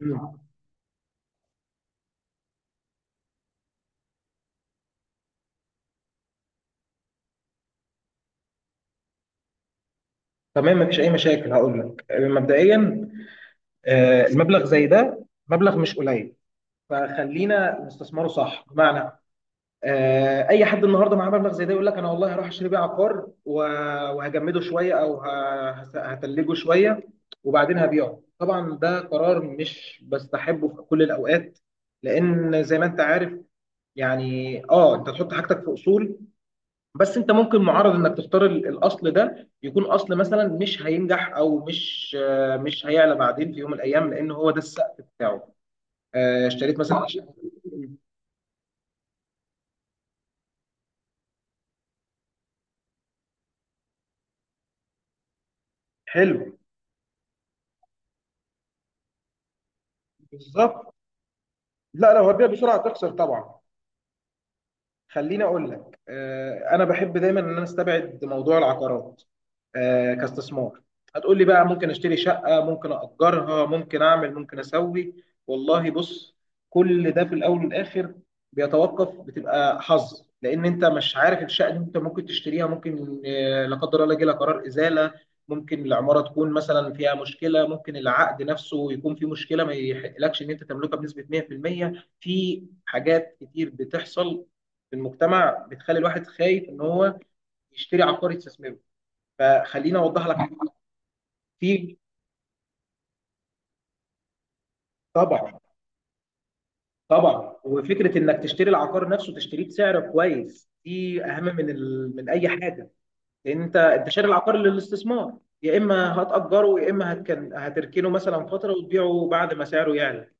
مم. تمام، مفيش اي مشاكل. هقول لك، مبدئيا المبلغ زي ده مبلغ مش قليل، فخلينا نستثمره صح. بمعنى، اي حد النهارده معاه مبلغ زي ده يقول لك انا والله هروح اشتري بيه عقار وهجمده شويه، او هتلجه شويه وبعدين هبيعه. طبعا ده قرار مش بستحبه في كل الاوقات، لان زي ما انت عارف، يعني انت تحط حاجتك في اصول، بس انت ممكن معرض انك تختار الاصل ده يكون اصل مثلا مش هينجح، او مش مش هيعلى بعدين في يوم من الايام، لان هو ده السقف بتاعه. آه، اشتريت مثلا عشان- حلو. بالظبط. لا، لو هتبيع بسرعه هتخسر طبعا. خليني اقول لك، انا بحب دايما ان انا استبعد موضوع العقارات كاستثمار. هتقول لي بقى ممكن اشتري شقه، ممكن اجرها، ممكن اعمل، ممكن اسوي. والله بص، كل ده في الاول والاخر بيتوقف، بتبقى حظ، لان انت مش عارف الشقه اللي انت ممكن تشتريها ممكن لا قدر الله يجي لها قرار ازاله، ممكن العماره تكون مثلا فيها مشكله، ممكن العقد نفسه يكون فيه مشكله ما يحقلكش ان انت تملكها بنسبه 100% في المية. في حاجات كتير بتحصل في المجتمع بتخلي الواحد خايف ان هو يشتري عقار يستثمره. فخليني اوضح لك. في، طبعا. طبعا، وفكره انك تشتري العقار نفسه تشتريه بسعر كويس دي اهم من من اي حاجه، لان انت شاري العقار للاستثمار، يا اما هتاجره، يا اما هتركنه مثلا فتره وتبيعه بعد ما سعره يعلى.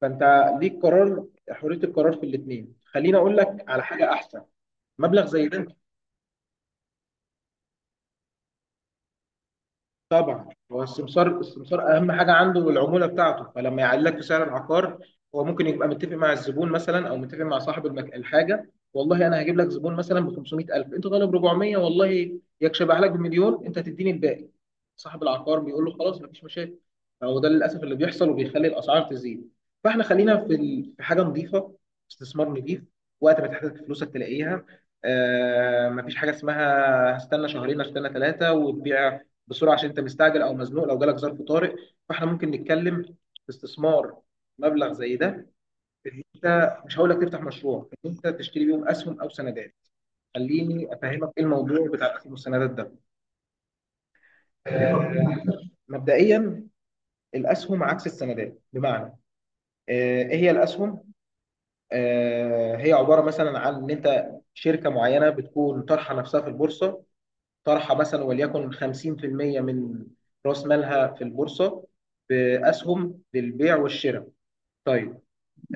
فانت ليك قرار، حريه القرار في الاثنين. خليني اقول لك على حاجه احسن. مبلغ زي ده انت، طبعا هو السمسار، السمسار اهم حاجه عنده العموله بتاعته، فلما يعلي لك في سعر العقار، هو ممكن يبقى متفق مع الزبون مثلا، او متفق مع صاحب الحاجه. والله انا هجيب لك زبون مثلا ب 500000، انت طالب 400، والله يكشبها لك بمليون، انت هتديني الباقي. صاحب العقار بيقول له خلاص، مفيش مشاكل. فهو ده للاسف اللي بيحصل وبيخلي الاسعار تزيد. فاحنا خلينا في في حاجه نظيفه، استثمار نظيف، وقت ما تحتاج فلوسك تلاقيها. مفيش حاجه اسمها هستنى شهرين، هستنى ثلاثه وتبيع بسرعه عشان انت مستعجل او مزنوق لو جالك ظرف طارئ. فاحنا ممكن نتكلم في استثمار مبلغ زي ده، ان انت مش هقول لك تفتح مشروع، ان انت تشتري بيهم اسهم او سندات. خليني افهمك ايه الموضوع بتاع الاسهم والسندات ده. آه، مبدئيا الاسهم عكس السندات. بمعنى، ايه هي الاسهم؟ هي عباره مثلا عن ان انت شركه معينه بتكون طرحه نفسها في البورصه، طرحه مثلا وليكن 50% من راس مالها في البورصه باسهم للبيع والشراء. طيب،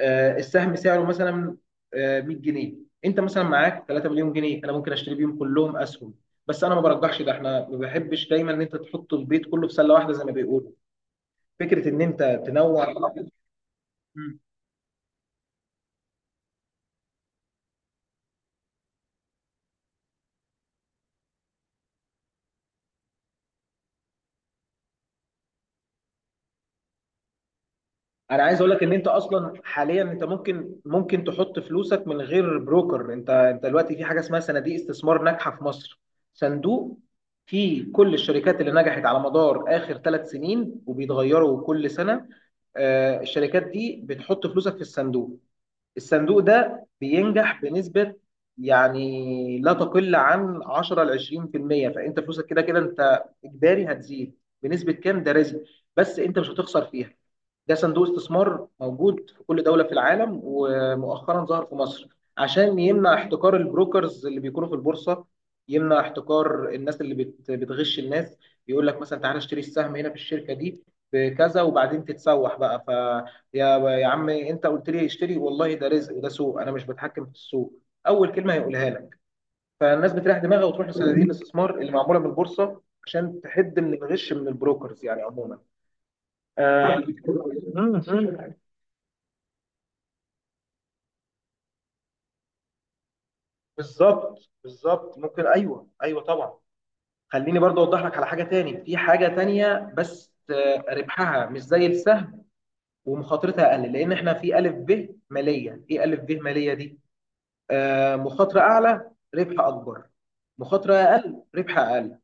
السهم سعره مثلا 100 جنيه، انت مثلا معاك 3 مليون جنيه، انا ممكن اشتري بيهم كلهم اسهم. بس انا ما برجحش ده، احنا ما بحبش دايما ان انت تحط البيت كله في سله واحده زي ما بيقولوا. فكره ان انت تنوع. انا عايز اقول لك ان انت اصلا حاليا انت ممكن، ممكن تحط فلوسك من غير بروكر. انت دلوقتي في حاجه اسمها صناديق استثمار ناجحه في مصر. صندوق فيه كل الشركات اللي نجحت على مدار اخر ثلاث سنين وبيتغيروا كل سنه. الشركات دي بتحط فلوسك في الصندوق، الصندوق ده بينجح بنسبة يعني لا تقل عن 10 ل 20%. فانت فلوسك كده كده انت اجباري هتزيد، بنسبة كام ده رزق، بس انت مش هتخسر فيها. ده صندوق استثمار موجود في كل دولة في العالم، ومؤخرا ظهر في مصر عشان يمنع احتكار البروكرز اللي بيكونوا في البورصة، يمنع احتكار الناس اللي بتغش الناس، يقول لك مثلا تعالى اشتري السهم هنا في الشركة دي بكذا وبعدين تتسوح بقى. يا عمي، انت قلت لي اشتري، والله ده رزق وده سوق، انا مش بتحكم في السوق، اول كلمه هيقولها لك. فالناس بتريح دماغها وتروح لصناديق الاستثمار اللي معموله من البورصه عشان تحد من الغش من البروكرز يعني عموما. آه مم. بالظبط، بالظبط، ممكن، ايوه، ايوه، طبعا. خليني برضه اوضح لك على حاجه تاني، في حاجه تانية بس ربحها مش زي السهم ومخاطرتها اقل، لان احنا في الف ب ماليه. ايه الف ب ماليه دي؟ مخاطرة أعلى ربح أكبر، مخاطرة أقل ربح أقل.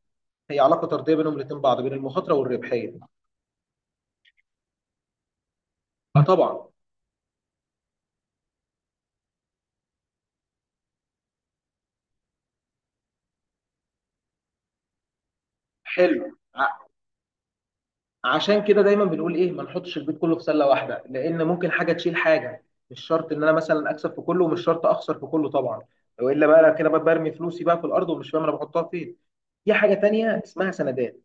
هي علاقة طردية بينهم الاتنين بعض، بين المخاطرة والربحية. طبعا. حلو ع- عشان كده دايما بنقول إيه؟ ما نحطش البيت كله في سلة واحدة، لأن ممكن حاجة تشيل حاجة. مش شرط إن أنا مثلا أكسب في كله، ومش شرط أخسر في كله طبعا. وإلا بقى أنا كده بقى برمي فلوسي بقى في الأرض ومش فاهم أنا بحطها فين. في حاجة تانية اسمها سندات.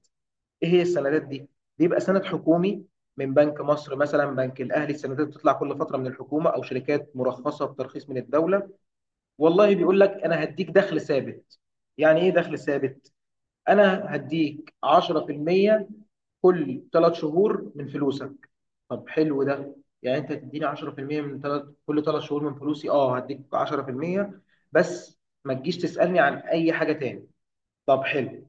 ايه هي السندات دي؟ بيبقى سند حكومي من بنك مصر مثلا، بنك الاهلي. السندات بتطلع كل فتره من الحكومه او شركات مرخصه بترخيص من الدوله. والله بيقول لك انا هديك دخل ثابت. يعني ايه دخل ثابت؟ انا هديك 10% كل ثلاث شهور من فلوسك. طب حلو ده. يعني انت تديني 10% من ثلاث، كل ثلاث شهور من فلوسي اه هديك 10% بس، ما تجيش تسالني عن اي حاجه تاني. طب حلو.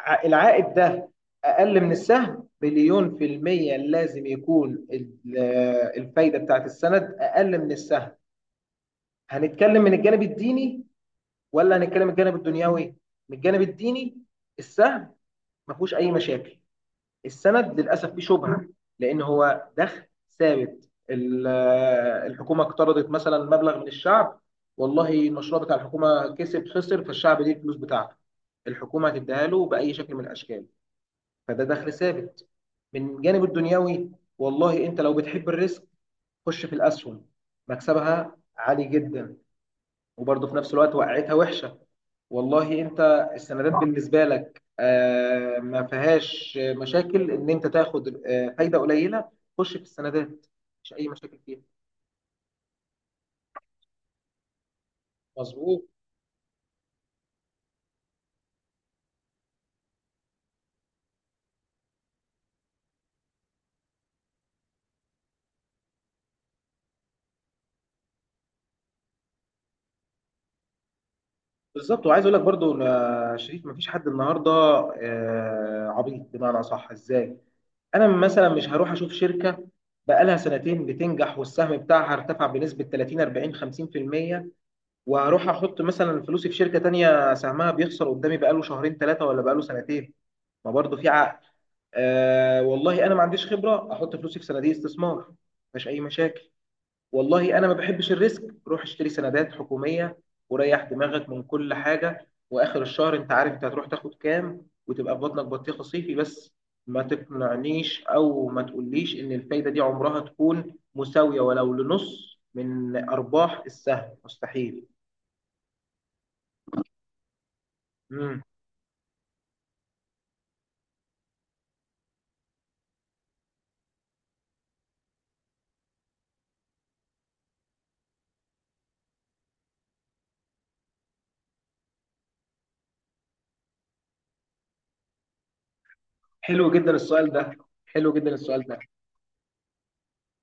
العائد ده اقل من السهم مليون في المية، لازم يكون الفايدة بتاعت السند اقل من السهم. هنتكلم من الجانب الديني ولا هنتكلم من الجانب الدنيوي؟ من الجانب الديني، السهم ما فيهوش اي مشاكل. السند للاسف فيه شبهة، لان هو دخل ثابت. الحكومة اقترضت مثلا مبلغ من الشعب، والله المشروع بتاع الحكومة كسب خسر، فالشعب ليه الفلوس بتاعته، الحكومة هتديها له بأي شكل من الأشكال. فده دخل ثابت. من جانب الدنيوي، والله انت لو بتحب الريسك خش في الاسهم، مكسبها عالي جدا، وبرضه في نفس الوقت وقعتها وحشه. والله انت السندات بالنسبه لك ما فيهاش مشاكل ان انت تاخد فايده قليله، خش في السندات، مش اي مشاكل فيها. مظبوط. بالظبط، وعايز اقول لك برضو يا شريف، مفيش حد النهارده عبيط. بمعنى صح، ازاي؟ انا مثلا مش هروح اشوف شركه بقالها سنتين بتنجح والسهم بتاعها ارتفع بنسبه 30 40 50%، وهروح احط مثلا فلوسي في شركه تانية سهمها بيخسر قدامي بقاله شهرين ثلاثه ولا بقاله سنتين. ما برضه في عقل. والله انا ما عنديش خبره، احط فلوسي في صناديق استثمار، مفيش اي مشاكل. والله انا ما بحبش الريسك، روح اشتري سندات حكوميه وريح دماغك من كل حاجه، واخر الشهر انت عارف انت هتروح تاخد كام، وتبقى في بطنك بطيخه صيفي. بس ما تقنعنيش او ما تقوليش ان الفايده دي عمرها تكون مساويه ولو لنص من ارباح السهم، مستحيل. امم حلو جدا السؤال ده، حلو جدا السؤال ده.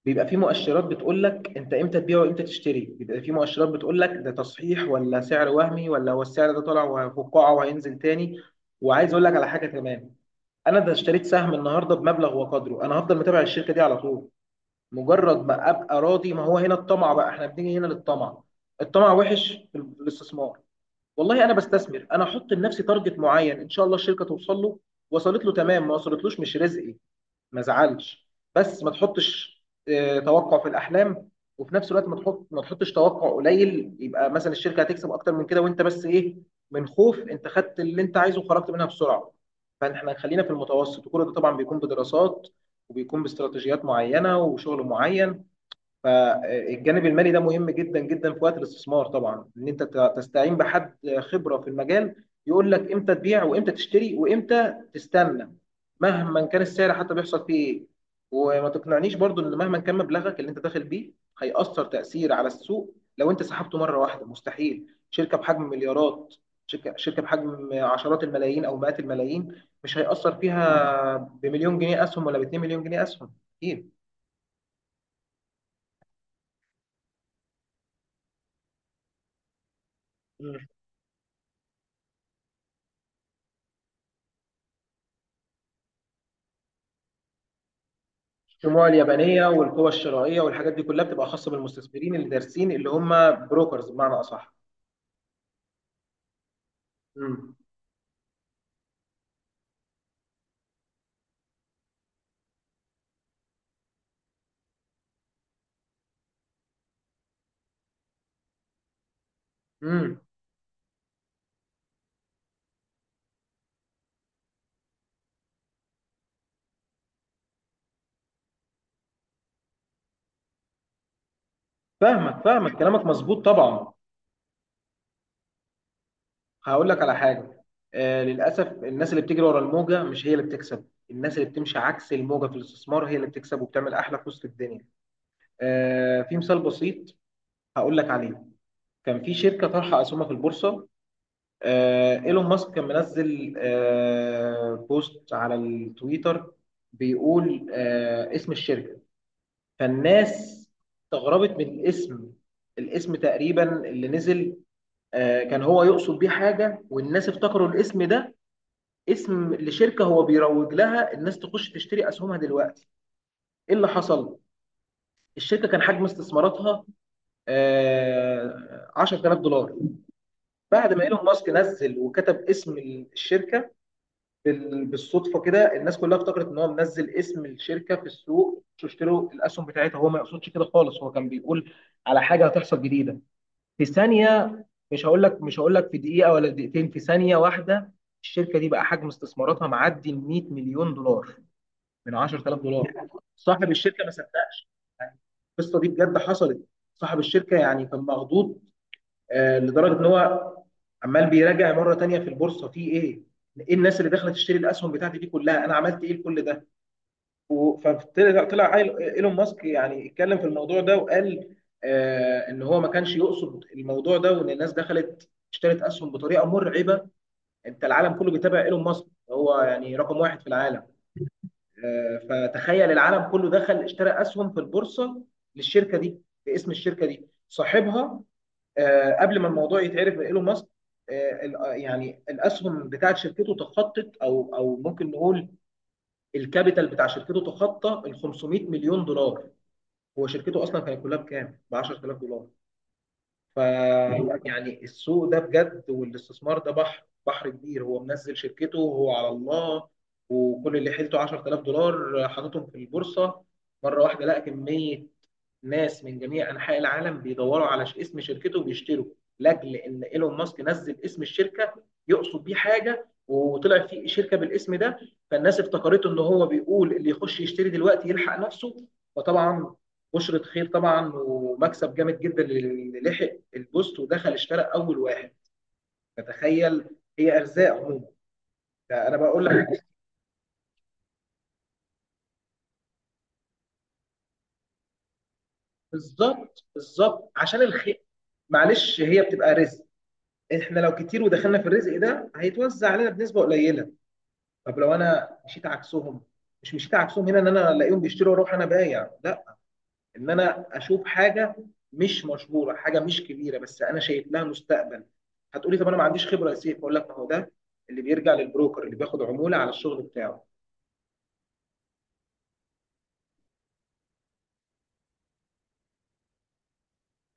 بيبقى في مؤشرات بتقول لك انت امتى تبيع وامتى تشتري، بيبقى في مؤشرات بتقول لك ده تصحيح ولا سعر وهمي، ولا هو السعر ده طالع وفقاعه وهينزل تاني. وعايز اقول لك على حاجه كمان. انا ده اشتريت سهم النهارده بمبلغ وقدره، انا هفضل متابع الشركه دي على طول. مجرد ما ابقى راضي، ما هو هنا الطمع بقى، احنا بنيجي هنا للطمع، الطمع وحش في الاستثمار. والله انا بستثمر، انا احط لنفسي تارجت معين، ان شاء الله الشركه توصل له، وصلت له تمام، ما وصلتلوش مش رزقي، ما زعلش. بس ما تحطش توقع في الاحلام، وفي نفس الوقت ما تحط، ما تحطش توقع قليل يبقى مثلا الشركه هتكسب اكتر من كده وانت بس ايه، من خوف انت خدت اللي انت عايزه وخرجت منها بسرعه. فاحنا خلينا في المتوسط، وكل ده طبعا بيكون بدراسات وبيكون باستراتيجيات معينه وشغل معين. فالجانب المالي ده مهم جدا جدا في وقت الاستثمار طبعا، ان انت تستعين بحد خبره في المجال يقول لك امتى تبيع وامتى تشتري وامتى تستنى مهما كان السعر. حتى بيحصل فيه ايه، وما تقنعنيش برضو ان مهما كان مبلغك اللي انت داخل بيه هيأثر تأثير على السوق لو انت سحبته مره واحده، مستحيل. شركه بحجم مليارات، شركه بحجم عشرات الملايين او مئات الملايين، مش هيأثر فيها بمليون جنيه اسهم ولا باتنين مليون جنيه اسهم، اكيد. الشموع اليابانيه والقوى الشرائيه والحاجات دي كلها بتبقى خاصه بالمستثمرين اللي دارسين، اللي هم بروكرز بمعنى اصح. امم امم فاهمك، فاهمك، كلامك مظبوط طبعا. هقول لك على حاجه. للاسف الناس اللي بتجري ورا الموجه مش هي اللي بتكسب، الناس اللي بتمشي عكس الموجه في الاستثمار هي اللي بتكسب وبتعمل احلى فلوس في الدنيا. في مثال بسيط هقول لك عليه. كان في شركه طرحه اسهمها في البورصه، ايلون ماسك كان منزل بوست على التويتر بيقول اسم الشركة. فالناس استغربت من الاسم. الاسم تقريبا اللي نزل كان هو يقصد بيه حاجة، والناس افتكروا الاسم ده اسم لشركة هو بيروج لها، الناس تخش تشتري أسهمها دلوقتي. ايه اللي حصل؟ الشركة كان حجم استثماراتها 10000 دولار. بعد ما ايلون ماسك نزل وكتب اسم الشركة بالصدفه كده، الناس كلها افتكرت ان هو منزل اسم الشركه في السوق، مش اشتروا الاسهم بتاعتها. هو ما يقصدش كده خالص، هو كان بيقول على حاجه هتحصل جديده في ثانيه، مش هقول لك، مش هقول لك في دقيقه ولا دقيقتين، في ثانيه واحده. الشركه دي بقى حجم استثماراتها معدي ال 100 مليون دولار، من 10000 دولار. صاحب الشركه ما صدقش. يعني القصه دي بجد حصلت. صاحب الشركه يعني كان مخضوض لدرجه ان هو عمال بيراجع مره تانية في البورصه في ايه؟ ايه الناس اللي دخلت تشتري الاسهم بتاعتي دي كلها؟ انا عملت ايه لكل ده؟ فطلع، طلع ايلون ماسك يعني اتكلم في الموضوع ده، وقال ان هو ما كانش يقصد الموضوع ده، وان الناس دخلت اشترت اسهم بطريقه مرعبه. انت العالم كله بيتابع ايلون ماسك، هو يعني رقم واحد في العالم. آه، فتخيل العالم كله دخل اشترى اسهم في البورصه للشركه دي باسم الشركه دي. صاحبها قبل ما الموضوع يتعرف من ايلون ماسك، يعني الاسهم بتاعت شركته تخطت، او او ممكن نقول الكابيتال بتاع شركته تخطى ال 500 مليون دولار. هو شركته اصلا كانت كلها بكام؟ ب 10000 دولار. ف يعني السوق ده بجد، والاستثمار ده بحر، بحر كبير. هو منزل شركته وهو على الله، وكل اللي حيلته 10000 دولار حاططهم في البورصه، مره واحده لقى كميه ناس من جميع انحاء العالم بيدوروا على اسم شركته وبيشتروا، لاجل ان ايلون ماسك نزل اسم الشركه، يقصد بيه حاجه وطلع في شركه بالاسم ده، فالناس افتكرته ان هو بيقول اللي يخش يشتري دلوقتي يلحق نفسه. فطبعا بشرة خير طبعا، ومكسب جامد جدا اللي لحق البوست ودخل اشترى اول واحد. فتخيل. هي ارزاق عموما، ده انا بقول لك. بالظبط، بالظبط، عشان الخير معلش هي بتبقى رزق. احنا لو كتير ودخلنا في الرزق ده هيتوزع علينا بنسبه قليله. طب لو انا مشيت عكسهم، مش مشيت عكسهم هنا ان انا الاقيهم بيشتروا واروح انا بايع، لا، ان انا اشوف حاجه مش مشهوره، حاجه مش كبيره بس انا شايف لها مستقبل. هتقولي طب انا ما عنديش خبره يا سيف، اقول لك ما هو ده اللي بيرجع للبروكر اللي بياخد عموله على الشغل بتاعه.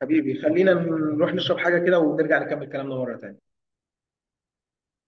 حبيبي خلينا نروح نشرب حاجه كده ونرجع نكمل كلامنا مره تانيه.